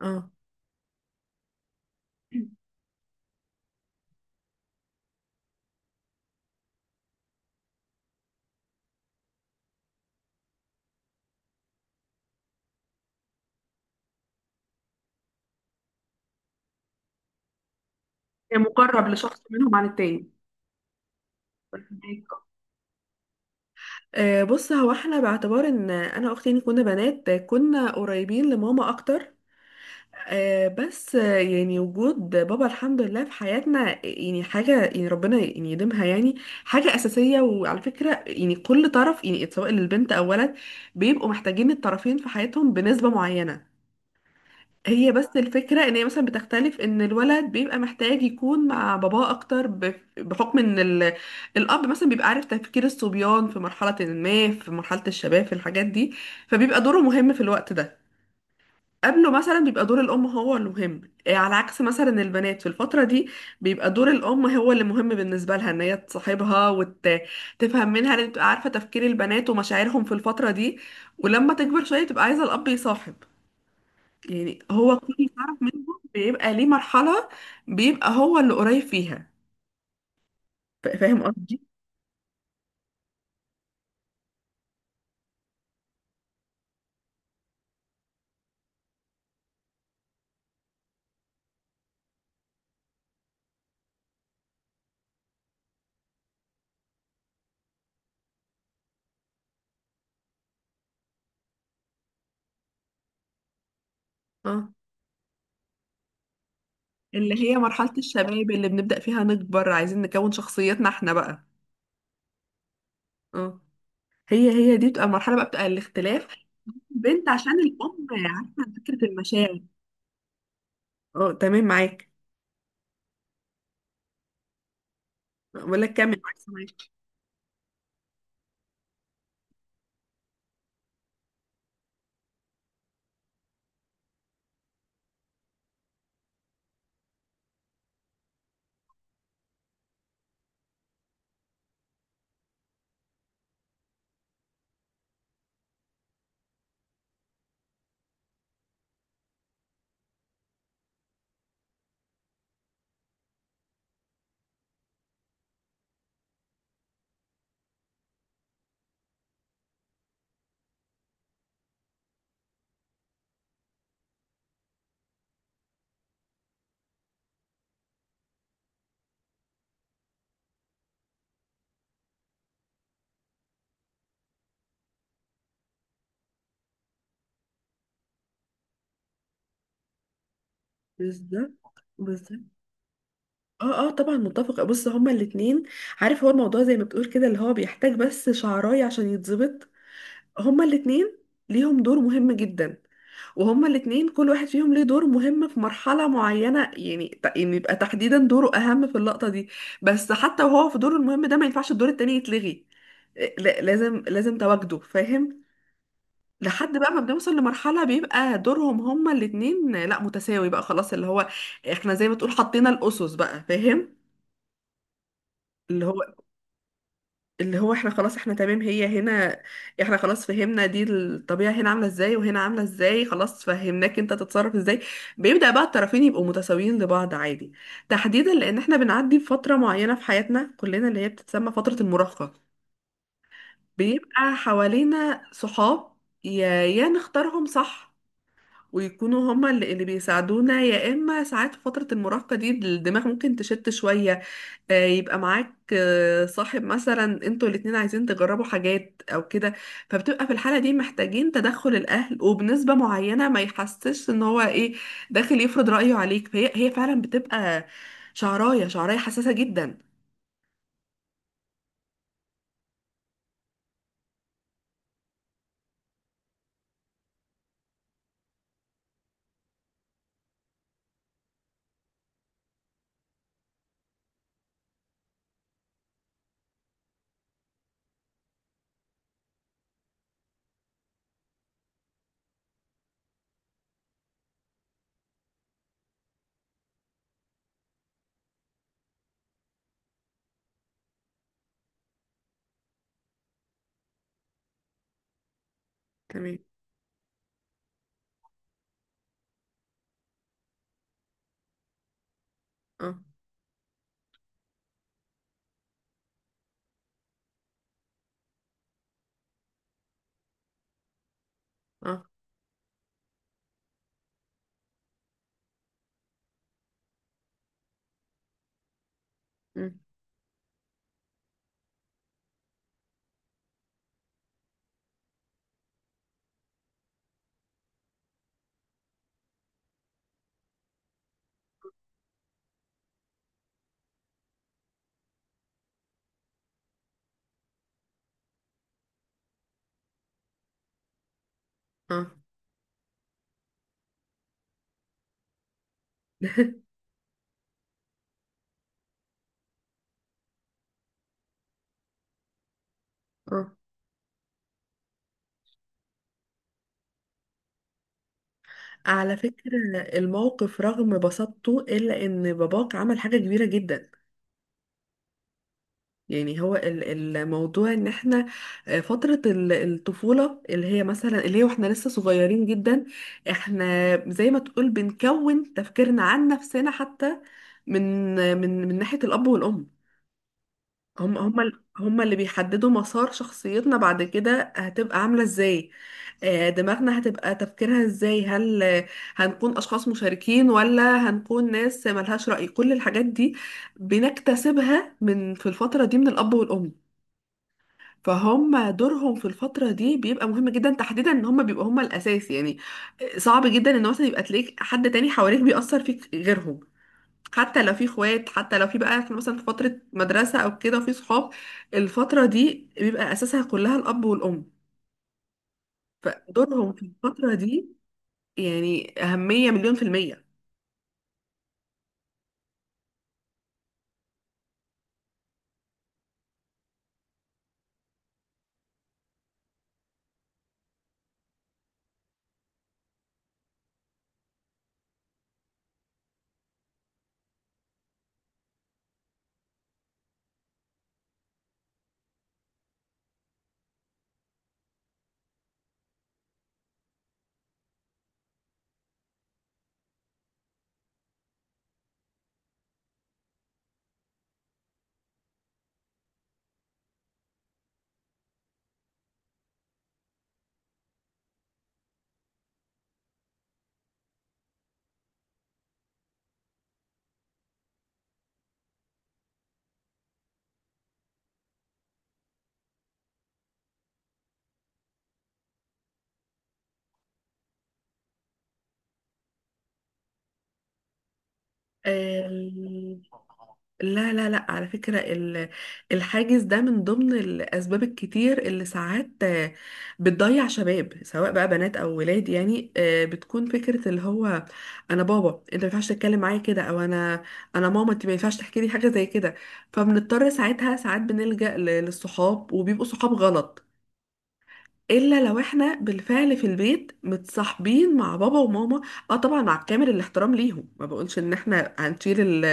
اه يعني مقرب لشخص منهم عن التاني فهمك. بص هو احنا باعتبار ان انا واختي يعني كنا بنات كنا قريبين لماما اكتر بس يعني وجود بابا الحمد لله في حياتنا يعني حاجة يعني ربنا يعني يديمها يعني حاجة أساسية. وعلى فكرة يعني كل طرف يعني سواء للبنت أو ولد بيبقوا محتاجين الطرفين في حياتهم بنسبة معينة. هي بس الفكرة ان هي مثلا بتختلف ان الولد بيبقى محتاج يكون مع باباه اكتر بحكم ان الاب مثلا بيبقى عارف تفكير الصبيان في مرحلة ما في مرحلة الشباب في الحاجات دي. فبيبقى دوره مهم في الوقت ده. قبله مثلا بيبقى دور الام هو المهم. إيه، على عكس مثلا البنات في الفترة دي بيبقى دور الام هو اللي مهم بالنسبة لها ان هي تصاحبها وتفهم منها ان تبقى عارفة تفكير البنات ومشاعرهم في الفترة دي. ولما تكبر شوية تبقى عايزة الاب يصاحب. يعني هو كل طرف منهم بيبقى ليه مرحلة بيبقى هو اللي قريب فيها. فاهم قصدي؟ اه، اللي هي مرحلة الشباب اللي بنبدأ فيها نكبر عايزين نكون شخصيتنا احنا بقى. اه، هي دي بتبقى المرحلة بقى بتبقى الاختلاف. البنت عشان الأم عارفة فكرة المشاعر. اه تمام معاك. بقول لك كمل معاك سامعاك. بالظبط بالظبط. اه اه طبعا متفقة. بص هما الاتنين عارف هو الموضوع زي ما بتقول كده اللي هو بيحتاج بس شعراية عشان يتظبط. هما الاتنين ليهم دور مهم جدا. وهما الاتنين كل واحد فيهم ليه دور مهم في مرحلة معينة يعني يعني يبقى تحديدا دوره أهم في اللقطة دي. بس حتى وهو في دوره المهم ده ما ينفعش الدور التاني يتلغي. لازم لازم تواجده فاهم. لحد بقى ما بنوصل لمرحلة بيبقى دورهم هما الاتنين لا متساوي بقى خلاص اللي هو احنا زي ما تقول حطينا الأسس بقى فاهم. اللي هو اللي هو احنا خلاص احنا تمام هي هنا. احنا خلاص فهمنا دي الطبيعة هنا عاملة ازاي وهنا عاملة ازاي خلاص فهمناك انت تتصرف ازاي. بيبدأ بقى الطرفين يبقوا متساويين لبعض عادي. تحديدا لان احنا بنعدي بفترة معينة في حياتنا كلنا اللي هي بتتسمى فترة المراهقة. بيبقى حوالينا صحاب يا نختارهم صح ويكونوا هما اللي بيساعدونا. يا اما ساعات في فترة المراهقة دي الدماغ ممكن تشت شوية. يبقى معاك صاحب مثلا انتوا الاتنين عايزين تجربوا حاجات او كده. فبتبقى في الحالة دي محتاجين تدخل الاهل وبنسبة معينة ما يحسش ان هو ايه داخل يفرض رأيه عليك. فهي فعلا بتبقى شعراية شعراية حساسة جدا. تمام اه اه مم، اه اه. على فكرة الموقف رغم بساطته إلا إن باباك عمل حاجة كبيرة جدا. يعني هو الموضوع ان احنا فترة الطفولة اللي هي مثلا اللي هي واحنا لسه صغيرين جدا. احنا زي ما تقول بنكون تفكيرنا عن نفسنا حتى من ناحية الأب والأم. هم اللي بيحددوا مسار شخصيتنا بعد كده هتبقى عاملة ازاي. دماغنا هتبقى تفكيرها ازاي هل هنكون أشخاص مشاركين ولا هنكون ناس ملهاش رأي كل الحاجات دي بنكتسبها من في الفترة دي من الأب والأم. فهم دورهم في الفترة دي بيبقى مهم جدا تحديدا ان هم بيبقوا هم الاساس يعني. صعب جدا ان مثلا يبقى تلاقيك حد تاني حواليك بيأثر فيك غيرهم حتى لو في اخوات حتى لو في بقى في مثلا في فترة مدرسة او كده وفي صحاب. الفترة دي بيبقى اساسها كلها الاب والام. فدورهم في الفترة دي يعني اهمية مليون في المية. آه، لا لا لا على فكرة الحاجز ده من ضمن الأسباب الكتير اللي ساعات بتضيع شباب سواء بقى بنات أو ولاد يعني بتكون فكرة اللي هو أنا بابا أنت ما ينفعش تتكلم معايا كده أو أنا أنا ماما أنت ما ينفعش تحكي لي حاجة زي كده. فبنضطر ساعتها ساعات بنلجأ للصحاب وبيبقوا صحاب غلط. الا لو احنا بالفعل في البيت متصاحبين مع بابا وماما. اه طبعا مع كامل الاحترام ليهم ما بقولش ان احنا هنشيل ال-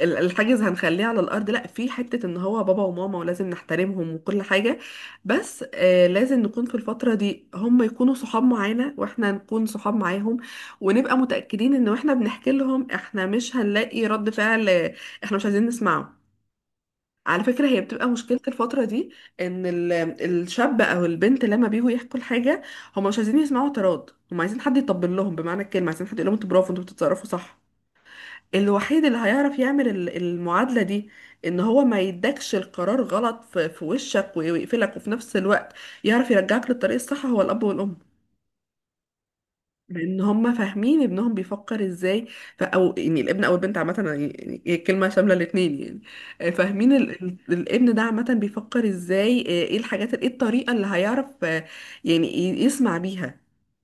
ال- الحاجز هنخليه على الارض لا في حتة ان هو بابا وماما ولازم نحترمهم وكل حاجة. بس آه لازم نكون في الفترة دي هم يكونوا صحاب معانا واحنا نكون صحاب معاهم ونبقى متأكدين ان احنا بنحكي لهم احنا مش هنلاقي رد فعل احنا مش عايزين نسمعه. على فكرة هي بتبقى مشكلة الفترة دي ان الشاب او البنت لما بيجوا يحكوا الحاجة هم مش عايزين يسمعوا اعتراض هم عايزين حد يطبل لهم بمعنى الكلمة عايزين حد يقول لهم انتوا برافو انتوا بتتصرفوا صح. الوحيد اللي هيعرف يعمل المعادلة دي ان هو ما يدكش القرار غلط في وشك ويقفلك وفي نفس الوقت يعرف يرجعك للطريق الصح هو الاب والام. لان هم فاهمين ابنهم بيفكر ازاي. او يعني الابن او البنت عامه أنا يعني هي الكلمه شامله الاثنين يعني فاهمين الابن ده عامه بيفكر ازاي ايه الحاجات ايه الطريقه اللي هيعرف يعني يسمع بيها.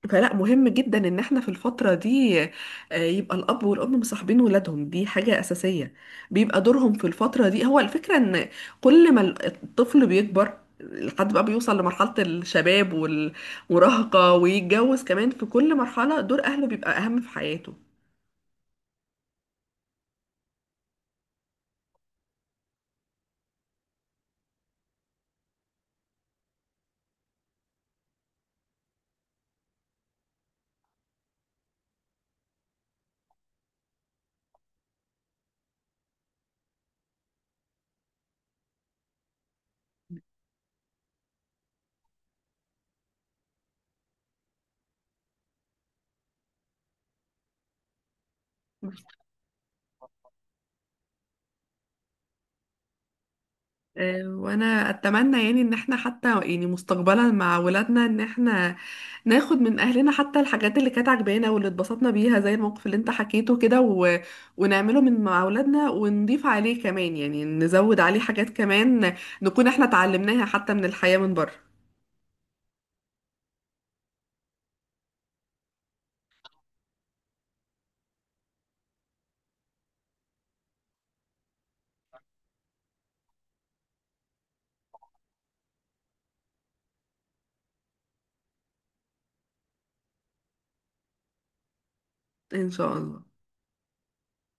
فلا مهم جدا ان احنا في الفتره دي يبقى الاب والام مصاحبين ولادهم دي حاجه اساسيه. بيبقى دورهم في الفتره دي هو الفكره ان كل ما الطفل بيكبر لحد بقى بيوصل لمرحله الشباب مراهقة ويتجوز كمان في كل مرحلة دور أهله بيبقى أهم في حياته. وأنا أتمنى يعني إن احنا حتى يعني مستقبلا مع ولادنا إن احنا ناخد من أهلنا حتى الحاجات اللي كانت عجبانا واللي اتبسطنا بيها زي الموقف اللي انت حكيته كده ونعمله من مع ولادنا ونضيف عليه كمان يعني نزود عليه حاجات كمان نكون احنا اتعلمناها حتى من الحياة من بره. إن شاء الله